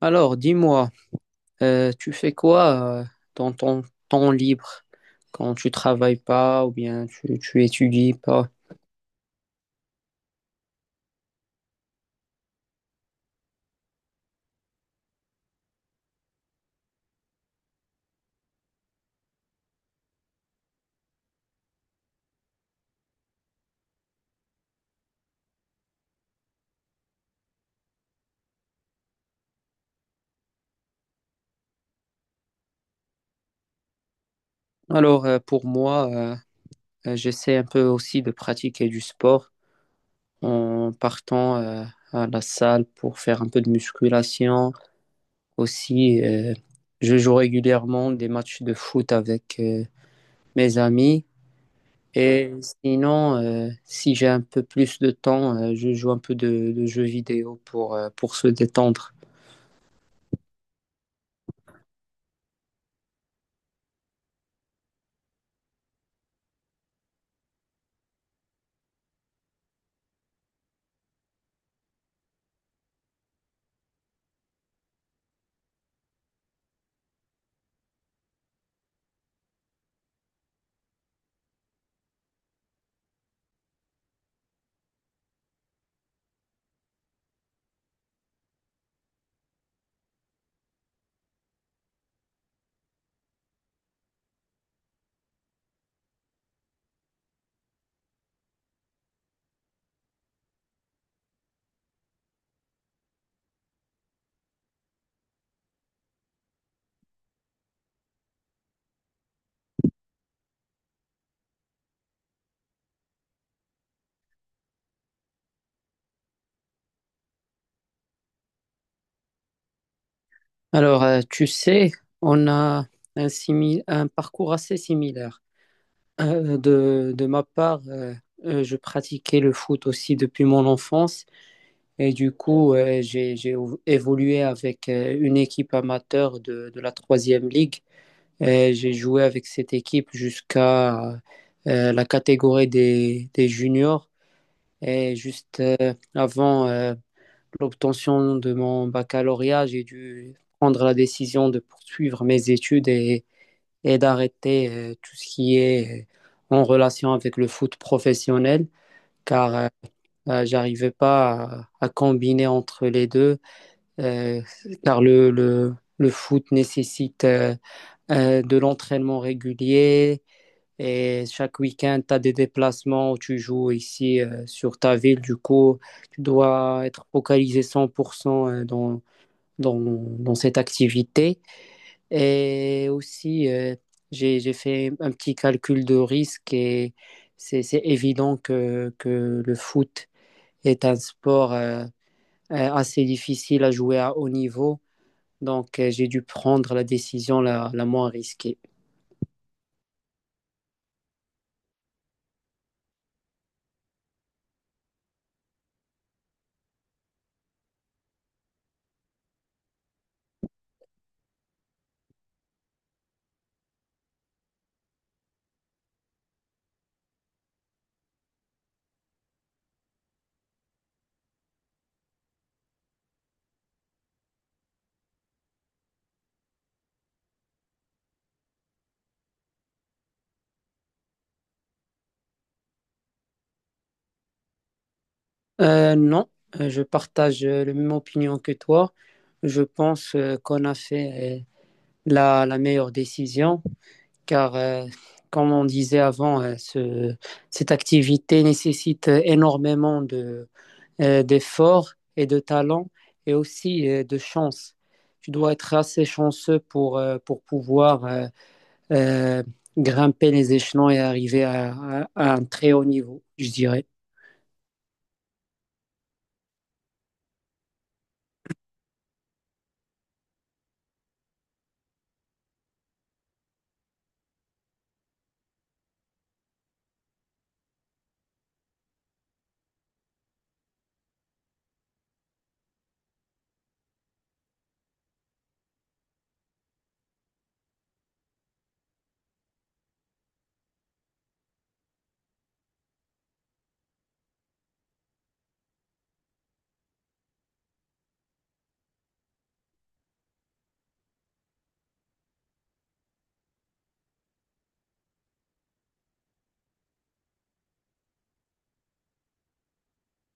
Alors, dis-moi, tu fais quoi dans ton temps libre quand tu travailles pas ou bien tu étudies pas? Alors, pour moi, j'essaie un peu aussi de pratiquer du sport en partant à la salle pour faire un peu de musculation. Aussi, je joue régulièrement des matchs de foot avec mes amis. Et sinon, si j'ai un peu plus de temps, je joue un peu de jeux vidéo pour se détendre. Alors, tu sais, on a un parcours assez similaire. De ma part, je pratiquais le foot aussi depuis mon enfance et du coup, évolué avec une équipe amateur de la troisième ligue. Et j'ai joué avec cette équipe jusqu'à la catégorie des juniors et juste avant l'obtention de mon baccalauréat, j'ai dû prendre la décision de poursuivre mes études et d'arrêter tout ce qui est en relation avec le foot professionnel, car j'arrivais pas à combiner entre les deux, euh, car le foot nécessite de l'entraînement régulier. Et chaque week-end, tu as des déplacements où tu joues ici sur ta ville. Du coup, tu dois être focalisé 100% dans cette activité. Et aussi, j'ai fait un petit calcul de risque et c'est évident que le foot est un sport assez difficile à jouer à haut niveau. Donc, j'ai dû prendre la décision la moins risquée. Non, je partage la même opinion que toi. Je pense qu'on a fait la meilleure décision car comme on disait avant, cette activité nécessite énormément d'efforts et de talent et aussi de chance. Tu dois être assez chanceux pour pouvoir euh, grimper les échelons et arriver à un très haut niveau, je dirais.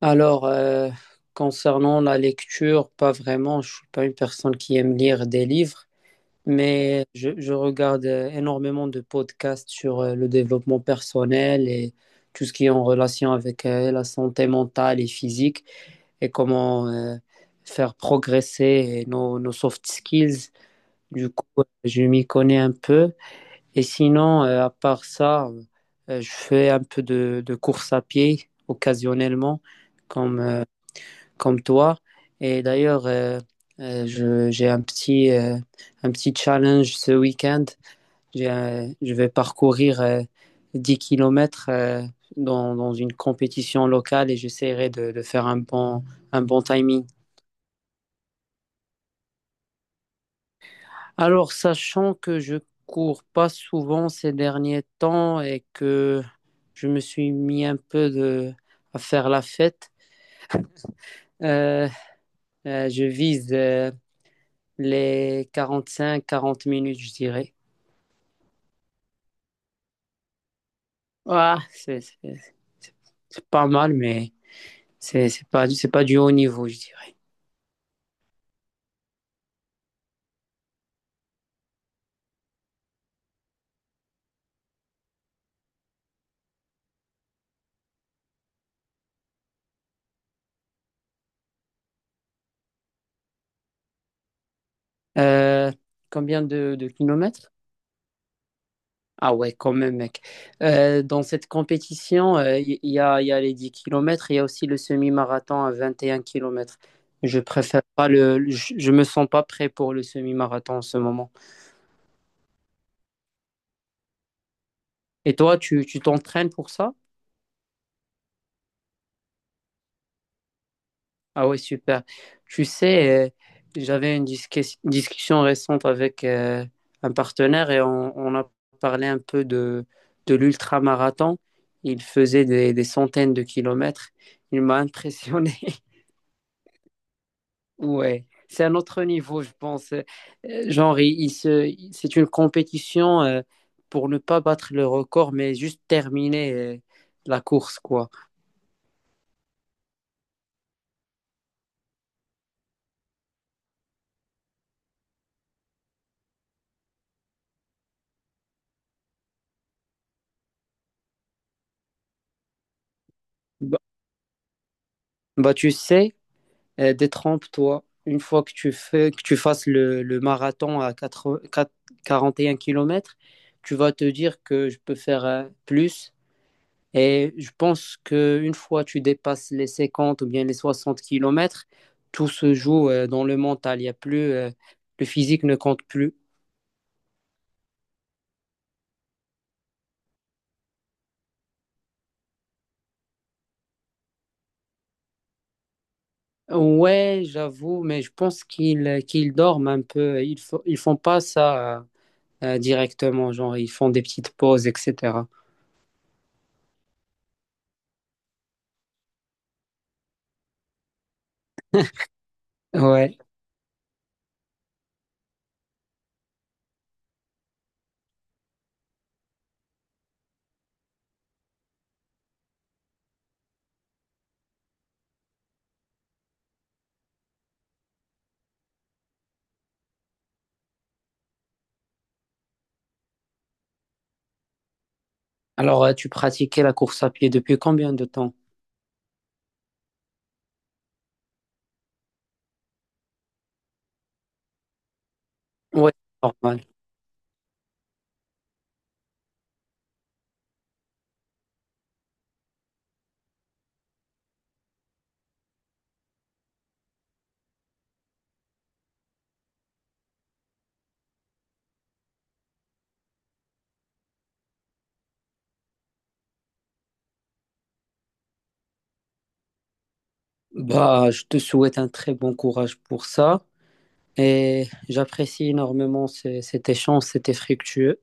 Alors, concernant la lecture, pas vraiment, je suis pas une personne qui aime lire des livres. Mais je regarde énormément de podcasts sur le développement personnel et tout ce qui est en relation avec la santé mentale et physique et comment faire progresser nos soft skills. Du coup, je m'y connais un peu. Et sinon, à part ça, je fais un peu de course à pied occasionnellement, comme, euh, comme toi. Et d'ailleurs, j'ai un petit challenge ce week-end, je vais parcourir 10 kilomètres dans une compétition locale et j'essaierai de faire un bon timing. Alors, sachant que je cours pas souvent ces derniers temps et que je me suis mis un peu à faire la fête, euh, je vise les cinq quarante minutes, je dirais. Ouais, c'est- c'est pas mal, mais c'est pas du haut niveau, je dirais. Euh, Combien de kilomètres? Ah ouais, quand même, mec. Dans cette compétition, il y a les 10 kilomètres, il y a aussi le semi-marathon à 21 kilomètres. Je préfère pas je me sens pas prêt pour le semi-marathon en ce moment. Et toi, tu t'entraînes pour ça? Ah oui, super. Tu sais, j'avais une discussion récente avec un partenaire et on a parlé un peu de l'ultra-marathon. Il faisait des centaines de kilomètres. Il m'a impressionné. Ouais, c'est un autre niveau, je pense. Genre, c'est une compétition pour ne pas battre le record, mais juste terminer la course, quoi. Bah, bah, tu sais. Détrompe-toi, une fois que tu fasses le marathon à 80 4 41 km, tu vas te dire que je peux faire plus. Et je pense qu'une fois que tu dépasses les 50 ou bien les 60 km, tout se joue dans le mental. Il y a plus, le physique ne compte plus. Ouais, j'avoue, mais je pense qu'ils dorment un peu. Ils font pas ça directement, genre ils font des petites pauses, etc. Ouais. Alors, tu pratiquais la course à pied depuis combien de temps? Ouais, normal. Bah, je te souhaite un très bon courage pour ça. Et j'apprécie énormément cet échange, c'était fructueux.